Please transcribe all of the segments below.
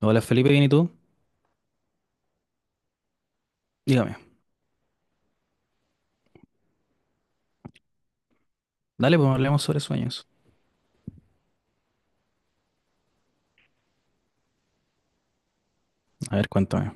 Hola Felipe, ¿bien y tú? Dígame. Dale, pues hablemos sobre sueños. A ver, cuéntame.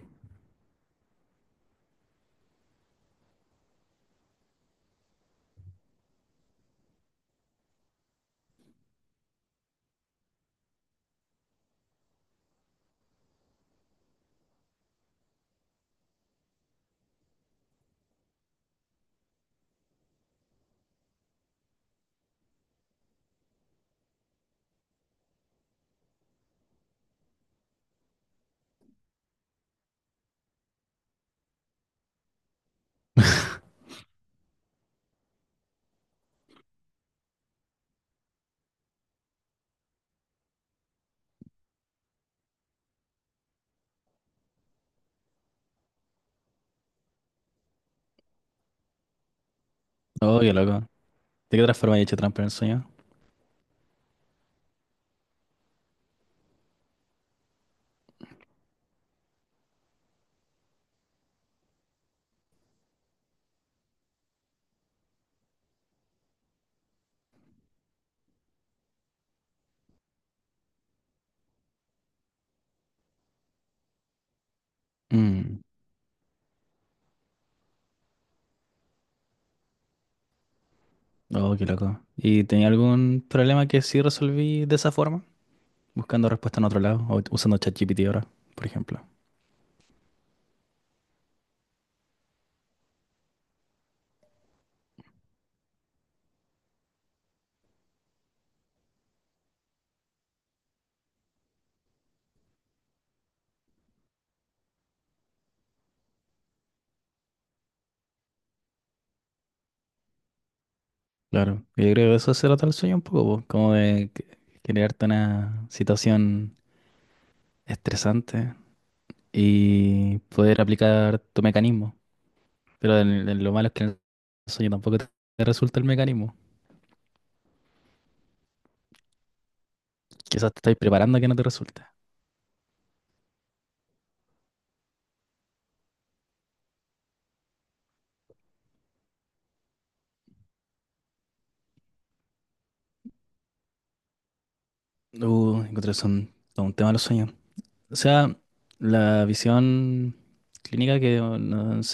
Oh, qué loco. ¿De qué otra forma he hecho trampa en el sueño? Mm. Oh, qué loco. ¿Y tenía algún problema que sí resolví de esa forma? Buscando respuesta en otro lado o usando ChatGPT ahora, por ejemplo. Claro. Yo creo que eso se trata el sueño un poco, po, como de crearte una situación estresante y poder aplicar tu mecanismo. Pero lo malo es que en el sueño tampoco te resulta el mecanismo. Quizás te estáis preparando a que no te resulte. Encontré son todo un tema de los sueños. O sea, la visión clínica que nos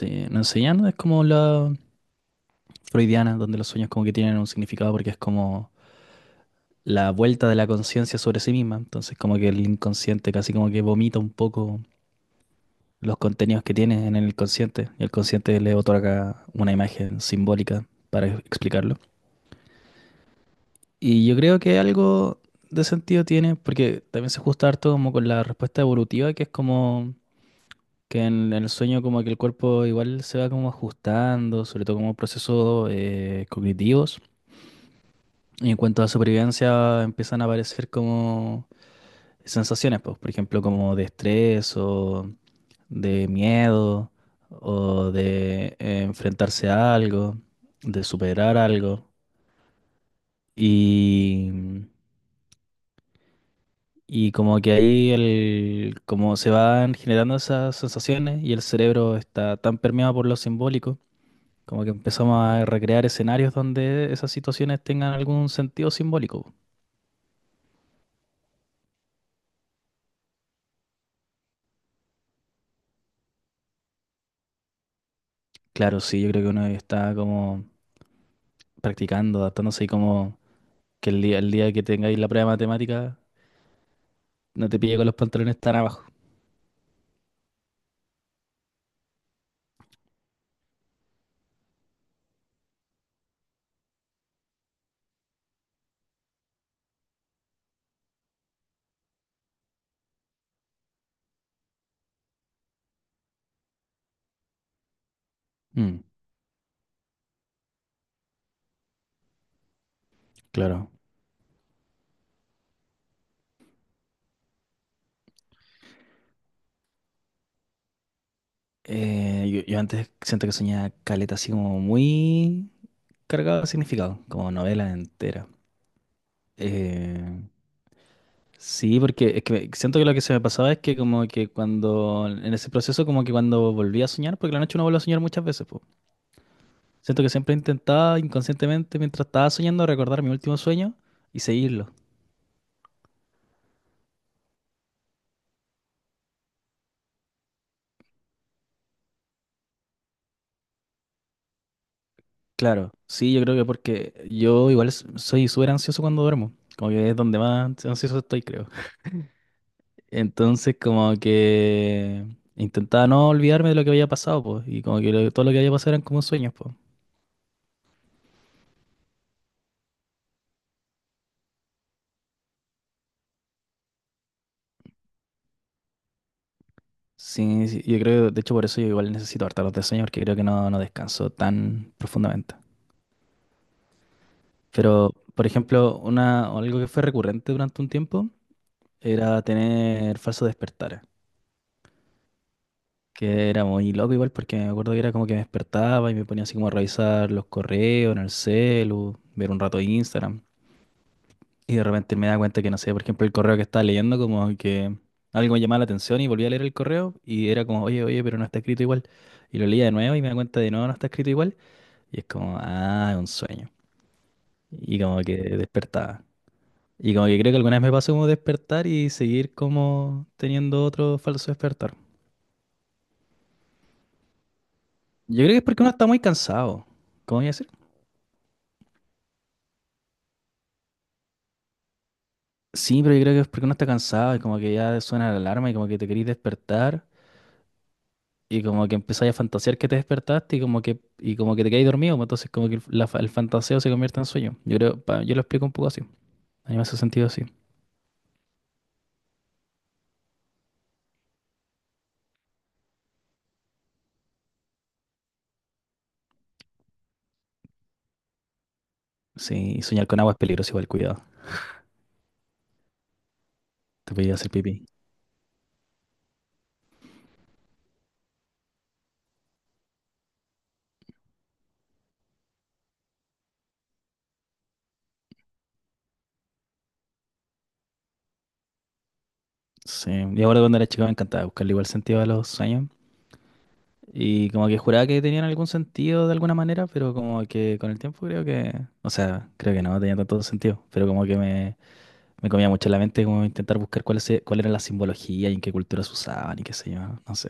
nos enseñan es como la freudiana, donde los sueños como que tienen un significado porque es como la vuelta de la conciencia sobre sí misma. Entonces como que el inconsciente casi como que vomita un poco los contenidos que tiene en el consciente y el consciente le otorga una imagen simbólica para explicarlo. Y yo creo que algo de sentido tiene, porque también se ajusta harto como con la respuesta evolutiva, que es como que en el sueño como que el cuerpo igual se va como ajustando, sobre todo como procesos cognitivos. Y en cuanto a supervivencia empiezan a aparecer como sensaciones, pues, por ejemplo, como de estrés o de miedo o de enfrentarse a algo, de superar algo. Y... Y como que ahí el, como se van generando esas sensaciones y el cerebro está tan permeado por lo simbólico, como que empezamos a recrear escenarios donde esas situaciones tengan algún sentido simbólico. Claro, sí, yo creo que uno está como practicando, adaptándose y como que el día que tengáis la prueba de matemática no te pille con los pantalones tan abajo. Mm, claro. Yo antes siento que soñaba caleta así como muy cargado de significado, como novela entera. Eh, Sí, porque es que siento que lo que se me pasaba es que como que cuando, en ese proceso como que cuando volví a soñar, porque la noche uno vuelve a soñar muchas veces, po. Siento que siempre intentaba inconscientemente mientras estaba soñando recordar mi último sueño y seguirlo. Claro, sí, yo creo que porque yo igual soy súper ansioso cuando duermo, como que es donde más ansioso estoy, creo. Entonces como que intentaba no olvidarme de lo que había pasado, pues, y como que todo lo que había pasado eran como sueños, pues. Sí, sí, yo creo, de hecho por eso yo igual necesito harta los de sueño porque creo que no descanso tan profundamente. Pero, por ejemplo, una, algo que fue recurrente durante un tiempo era tener falsos despertares, que era muy loco igual porque me acuerdo que era como que me despertaba y me ponía así como a revisar los correos en el celu, ver un rato Instagram y de repente me daba cuenta que, no sé, por ejemplo, el correo que estaba leyendo como que algo me llamaba la atención y volví a leer el correo y era como, oye, oye, pero no está escrito igual. Y lo leía de nuevo y me da cuenta de no está escrito igual. Y es como, ah, es un sueño. Y como que despertaba. Y como que creo que alguna vez me pasó como despertar y seguir como teniendo otro falso despertar. Yo creo que es porque uno está muy cansado. ¿Cómo voy a decir? Sí, pero yo creo que es porque uno está cansado y como que ya suena la alarma y como que te querís despertar y como que empezáis a fantasear que te despertaste y como que te quedáis dormido, pues. Entonces como que el, la el fantaseo se convierte en sueño. Yo creo, yo lo explico un poco así. A mí me hace sentido así. Sí, y soñar con agua es peligroso igual, cuidado. Te podía hacer pipí. Sí, y ahora cuando era chico me encantaba buscarle igual sentido a los sueños. Y como que juraba que tenían algún sentido de alguna manera, pero como que con el tiempo creo que, o sea, creo que no tenía tanto sentido, pero como que me comía mucho la mente como intentar buscar cuál era la simbología y en qué cultura se usaban y qué sé yo, no sé.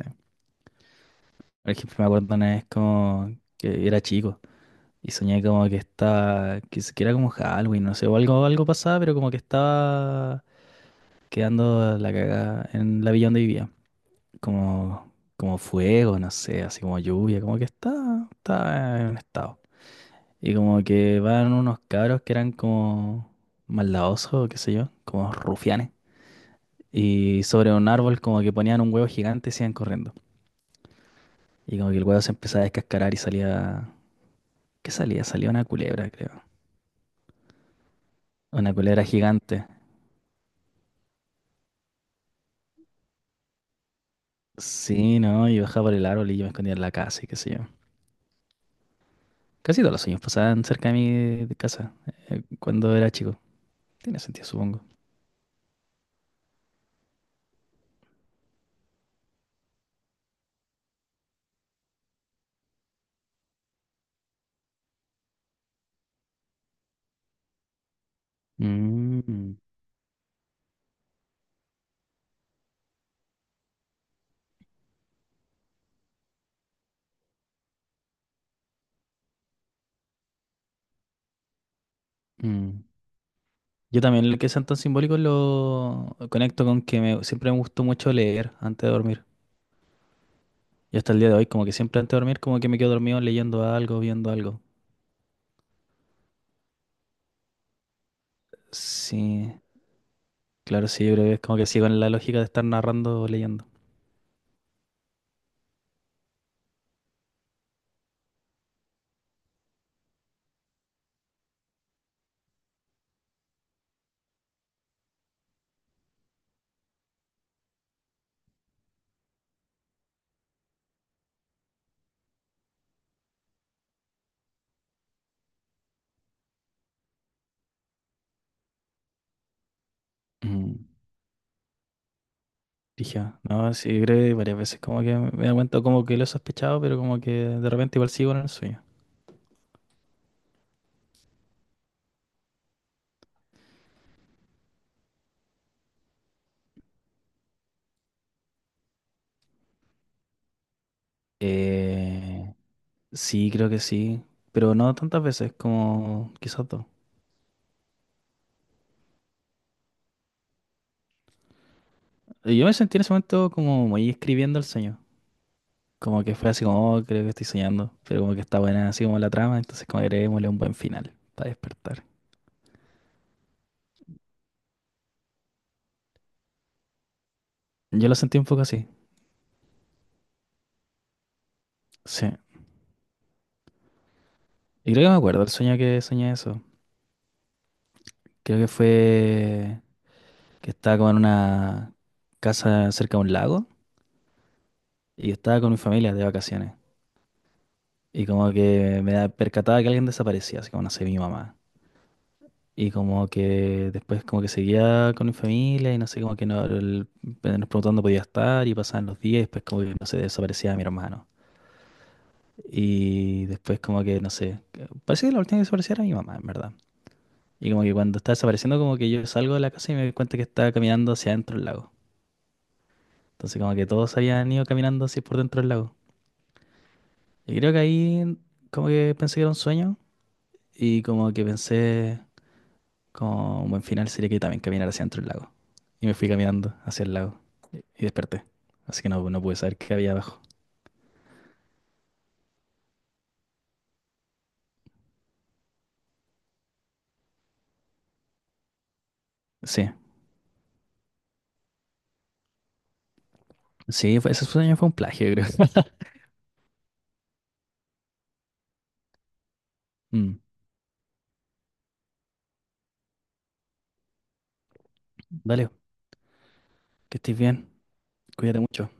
Por ejemplo, me acuerdo una vez como que era chico y soñé como que estaba, que, que era como Halloween, no sé, o algo, algo pasaba, pero como que estaba quedando la cagada en la villa donde vivía. Como, como fuego, no sé, así como lluvia, como que está en un estado. Y como que van unos cabros que eran como maldadosos, o qué sé yo, como rufianes. Y sobre un árbol como que ponían un huevo gigante y se iban corriendo. Y como que el huevo se empezaba a descascarar y salía... ¿Qué salía? Salía una culebra, creo. Una culebra gigante. Sí, ¿no? Y bajaba por el árbol y yo me escondía en la casa y qué sé yo. Casi todos los sueños pasaban cerca de mi casa cuando era chico. Tiene sentido, supongo. Mm, mm. Yo también lo que sean tan simbólicos lo conecto con que me, siempre me gustó mucho leer antes de dormir. Y hasta el día de hoy, como que siempre antes de dormir, como que me quedo dormido leyendo algo, viendo algo. Sí, claro, sí, yo creo que es como que sigo en la lógica de estar narrando o leyendo. Mm. Dije, ah, no, sí, creo que varias veces como que me da cuenta, como que lo he sospechado, pero como que de repente igual sigo en el sueño. Eh, sí, creo que sí, pero no tantas veces, como quizás dos. Y yo me sentí en ese momento como muy escribiendo el sueño. Como que fue así como, "Oh, creo que estoy soñando. Pero como que está buena así como la trama, entonces como agreguémosle un buen final para despertar." Yo lo sentí un poco así. Sí. Y creo que me acuerdo el sueño que soñé eso. Creo que fue que estaba como en una casa cerca de un lago y estaba con mi familia de vacaciones. Y como que me percataba que alguien desaparecía, así como no sé, mi mamá. Y como que después como que seguía con mi familia y no sé, como que no, nos preguntando dónde podía estar y pasaban los días y después como que, no sé, desaparecía mi hermano. Y después como que, no sé, parece que la última que desapareció era mi mamá, en verdad. Y como que cuando está desapareciendo como que yo salgo de la casa y me doy cuenta que estaba caminando hacia adentro del lago. Entonces como que todos habían ido caminando así por dentro del lago. Y creo que ahí como que pensé que era un sueño y como que pensé... Como un buen final sería que también caminara hacia dentro del lago. Y me fui caminando hacia el lago y desperté. Así que no pude saber qué había abajo. Sí, sí, ese sueño fue un plagio, creo. Mm. Dale, que estés bien. Cuídate mucho.